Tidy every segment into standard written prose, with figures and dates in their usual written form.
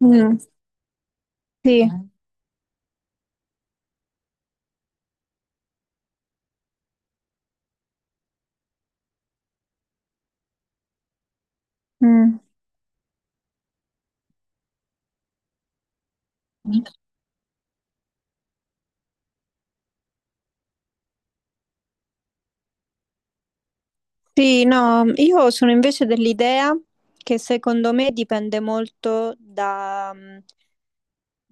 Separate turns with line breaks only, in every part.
Mm, sì. Eh? Mm. Sì, no, io sono invece dell'idea che secondo me dipende molto da, mm,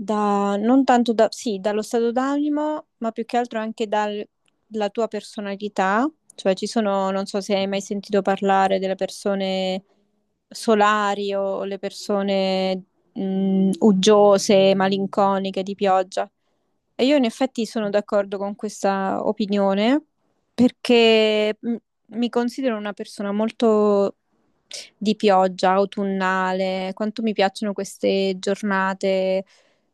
Da, non tanto da, sì, dallo stato d'animo, ma più che altro anche dalla tua personalità. Cioè, ci sono, non so se hai mai sentito parlare delle persone solari o le persone uggiose, malinconiche, di pioggia. E io in effetti sono d'accordo con questa opinione perché mi considero una persona molto di pioggia, autunnale, quanto mi piacciono queste giornate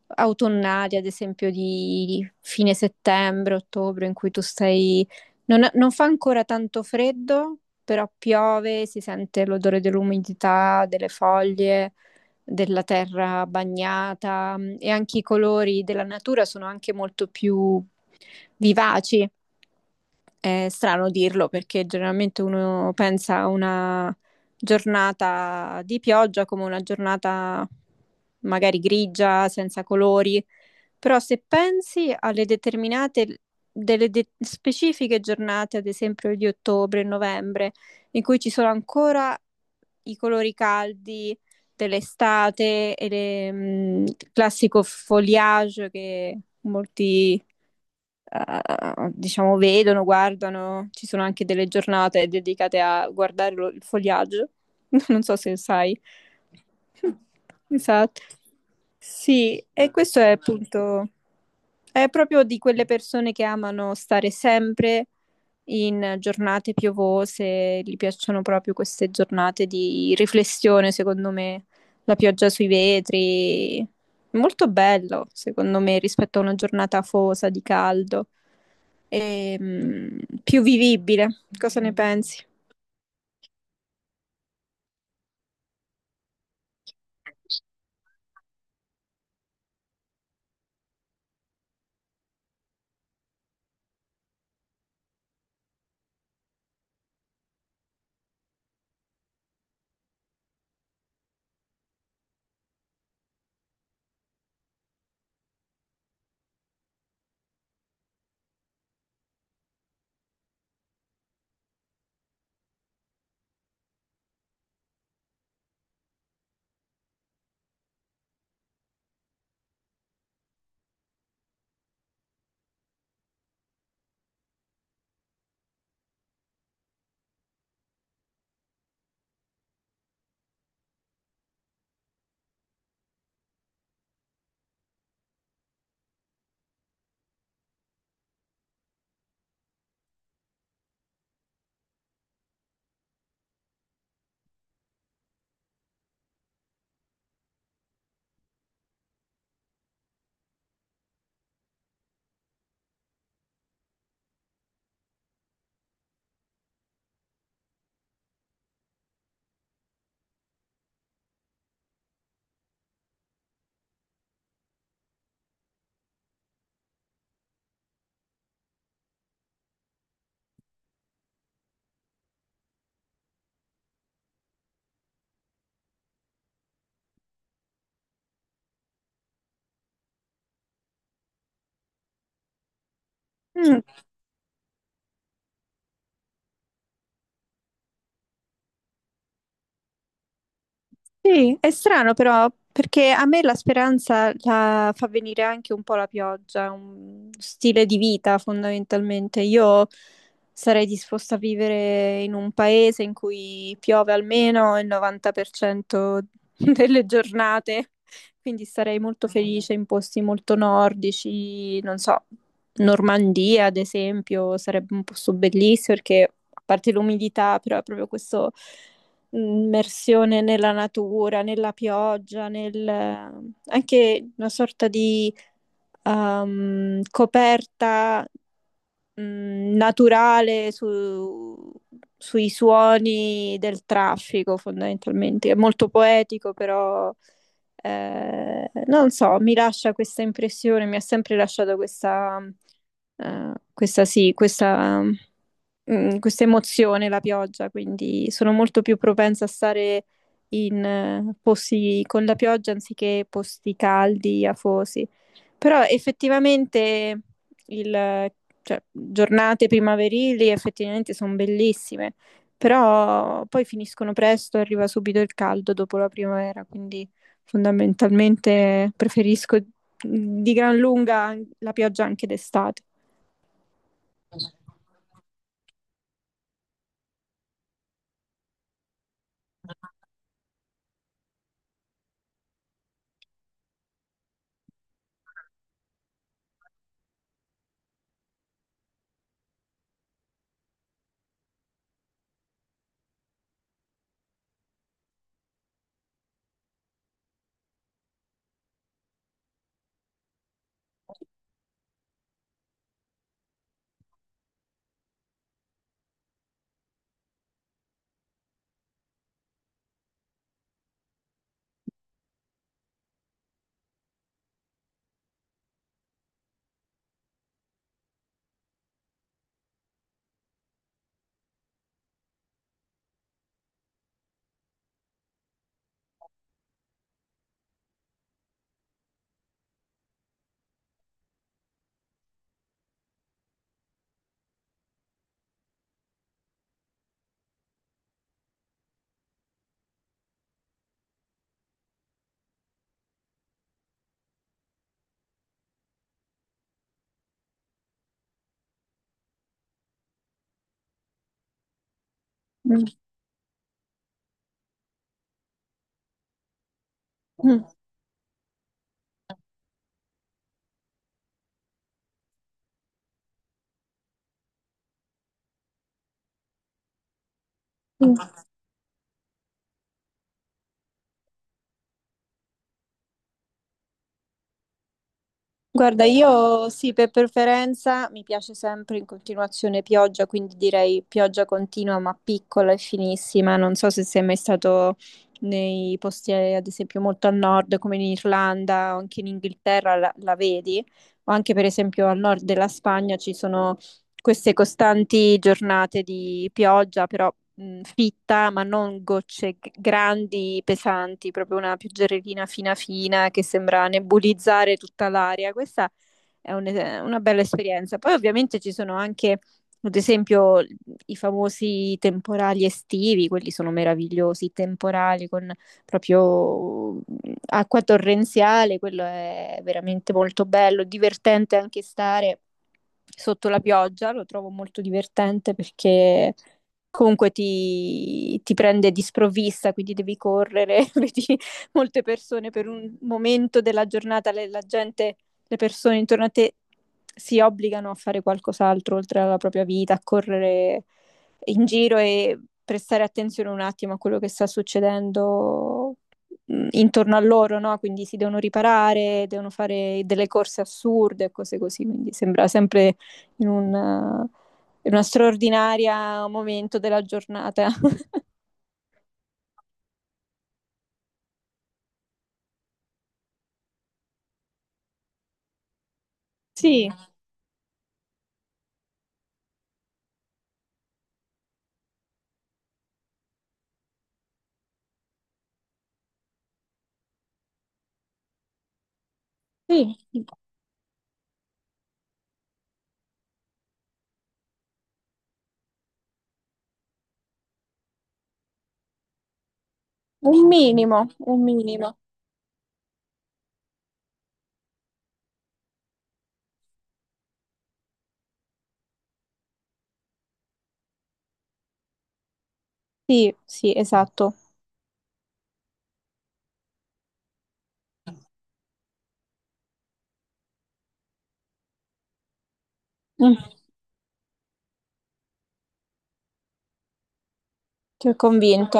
autunnali, ad esempio di fine settembre, ottobre, in cui tu stai. Non fa ancora tanto freddo, però piove, si sente l'odore dell'umidità, delle foglie, della terra bagnata, e anche i colori della natura sono anche molto più vivaci. È strano dirlo perché generalmente uno pensa a una giornata di pioggia come una giornata magari grigia, senza colori, però se pensi alle determinate, specifiche giornate, ad esempio di ottobre e novembre, in cui ci sono ancora i colori caldi dell'estate e il classico foliage che molti diciamo, vedono, guardano. Ci sono anche delle giornate dedicate a guardare il fogliaggio. Non so se sai. Esatto. Sì, e questo è appunto, è proprio di quelle persone che amano stare sempre in giornate piovose, gli piacciono proprio queste giornate di riflessione, secondo me, la pioggia sui vetri. Molto bello, secondo me, rispetto a una giornata afosa di caldo, e più vivibile. Cosa ne pensi? Mm. Sì, è strano però, perché a me la speranza la fa venire anche un po' la pioggia, è un stile di vita fondamentalmente. Io sarei disposta a vivere in un paese in cui piove almeno il 90% delle giornate, quindi sarei molto felice in posti molto nordici, non so, Normandia ad esempio, sarebbe un posto bellissimo perché a parte l'umidità, però è proprio questo immersione nella natura, nella pioggia, nel, anche una sorta di coperta naturale sui suoni del traffico, fondamentalmente. È molto poetico, però non so, mi lascia questa impressione, mi ha sempre lasciato questa sì, questa questa emozione, la pioggia, quindi sono molto più propensa a stare in posti con la pioggia anziché posti caldi, afosi. Però effettivamente il, cioè, giornate primaverili effettivamente sono bellissime, però poi finiscono presto, arriva subito il caldo dopo la primavera, quindi fondamentalmente preferisco di gran lunga la pioggia anche d'estate. Mm. Mm. Guarda, io sì, per preferenza mi piace sempre in continuazione pioggia, quindi direi pioggia continua ma piccola e finissima. Non so se sei mai stato nei posti, ad esempio, molto a nord, come in Irlanda o anche in Inghilterra, la vedi, o anche per esempio al nord della Spagna ci sono queste costanti giornate di pioggia, però fitta, ma non gocce grandi, pesanti, proprio una pioggerellina fina fina che sembra nebulizzare tutta l'aria. Questa è un- una bella esperienza. Poi ovviamente ci sono anche, ad esempio, i famosi temporali estivi, quelli sono meravigliosi, i temporali con proprio acqua torrenziale, quello è veramente molto bello, divertente anche stare sotto la pioggia, lo trovo molto divertente perché comunque ti prende di sprovvista, quindi devi correre, vedi molte persone per un momento della giornata, la gente, le persone intorno a te si obbligano a fare qualcos'altro oltre alla propria vita, a correre in giro e prestare attenzione un attimo a quello che sta succedendo intorno a loro, no? Quindi si devono riparare, devono fare delle corse assurde e cose così, quindi sembra sempre in in uno straordinario momento della giornata. Sì, sì, un minimo, un minimo. Sì, sì, esatto. Mm, ti ho convinto.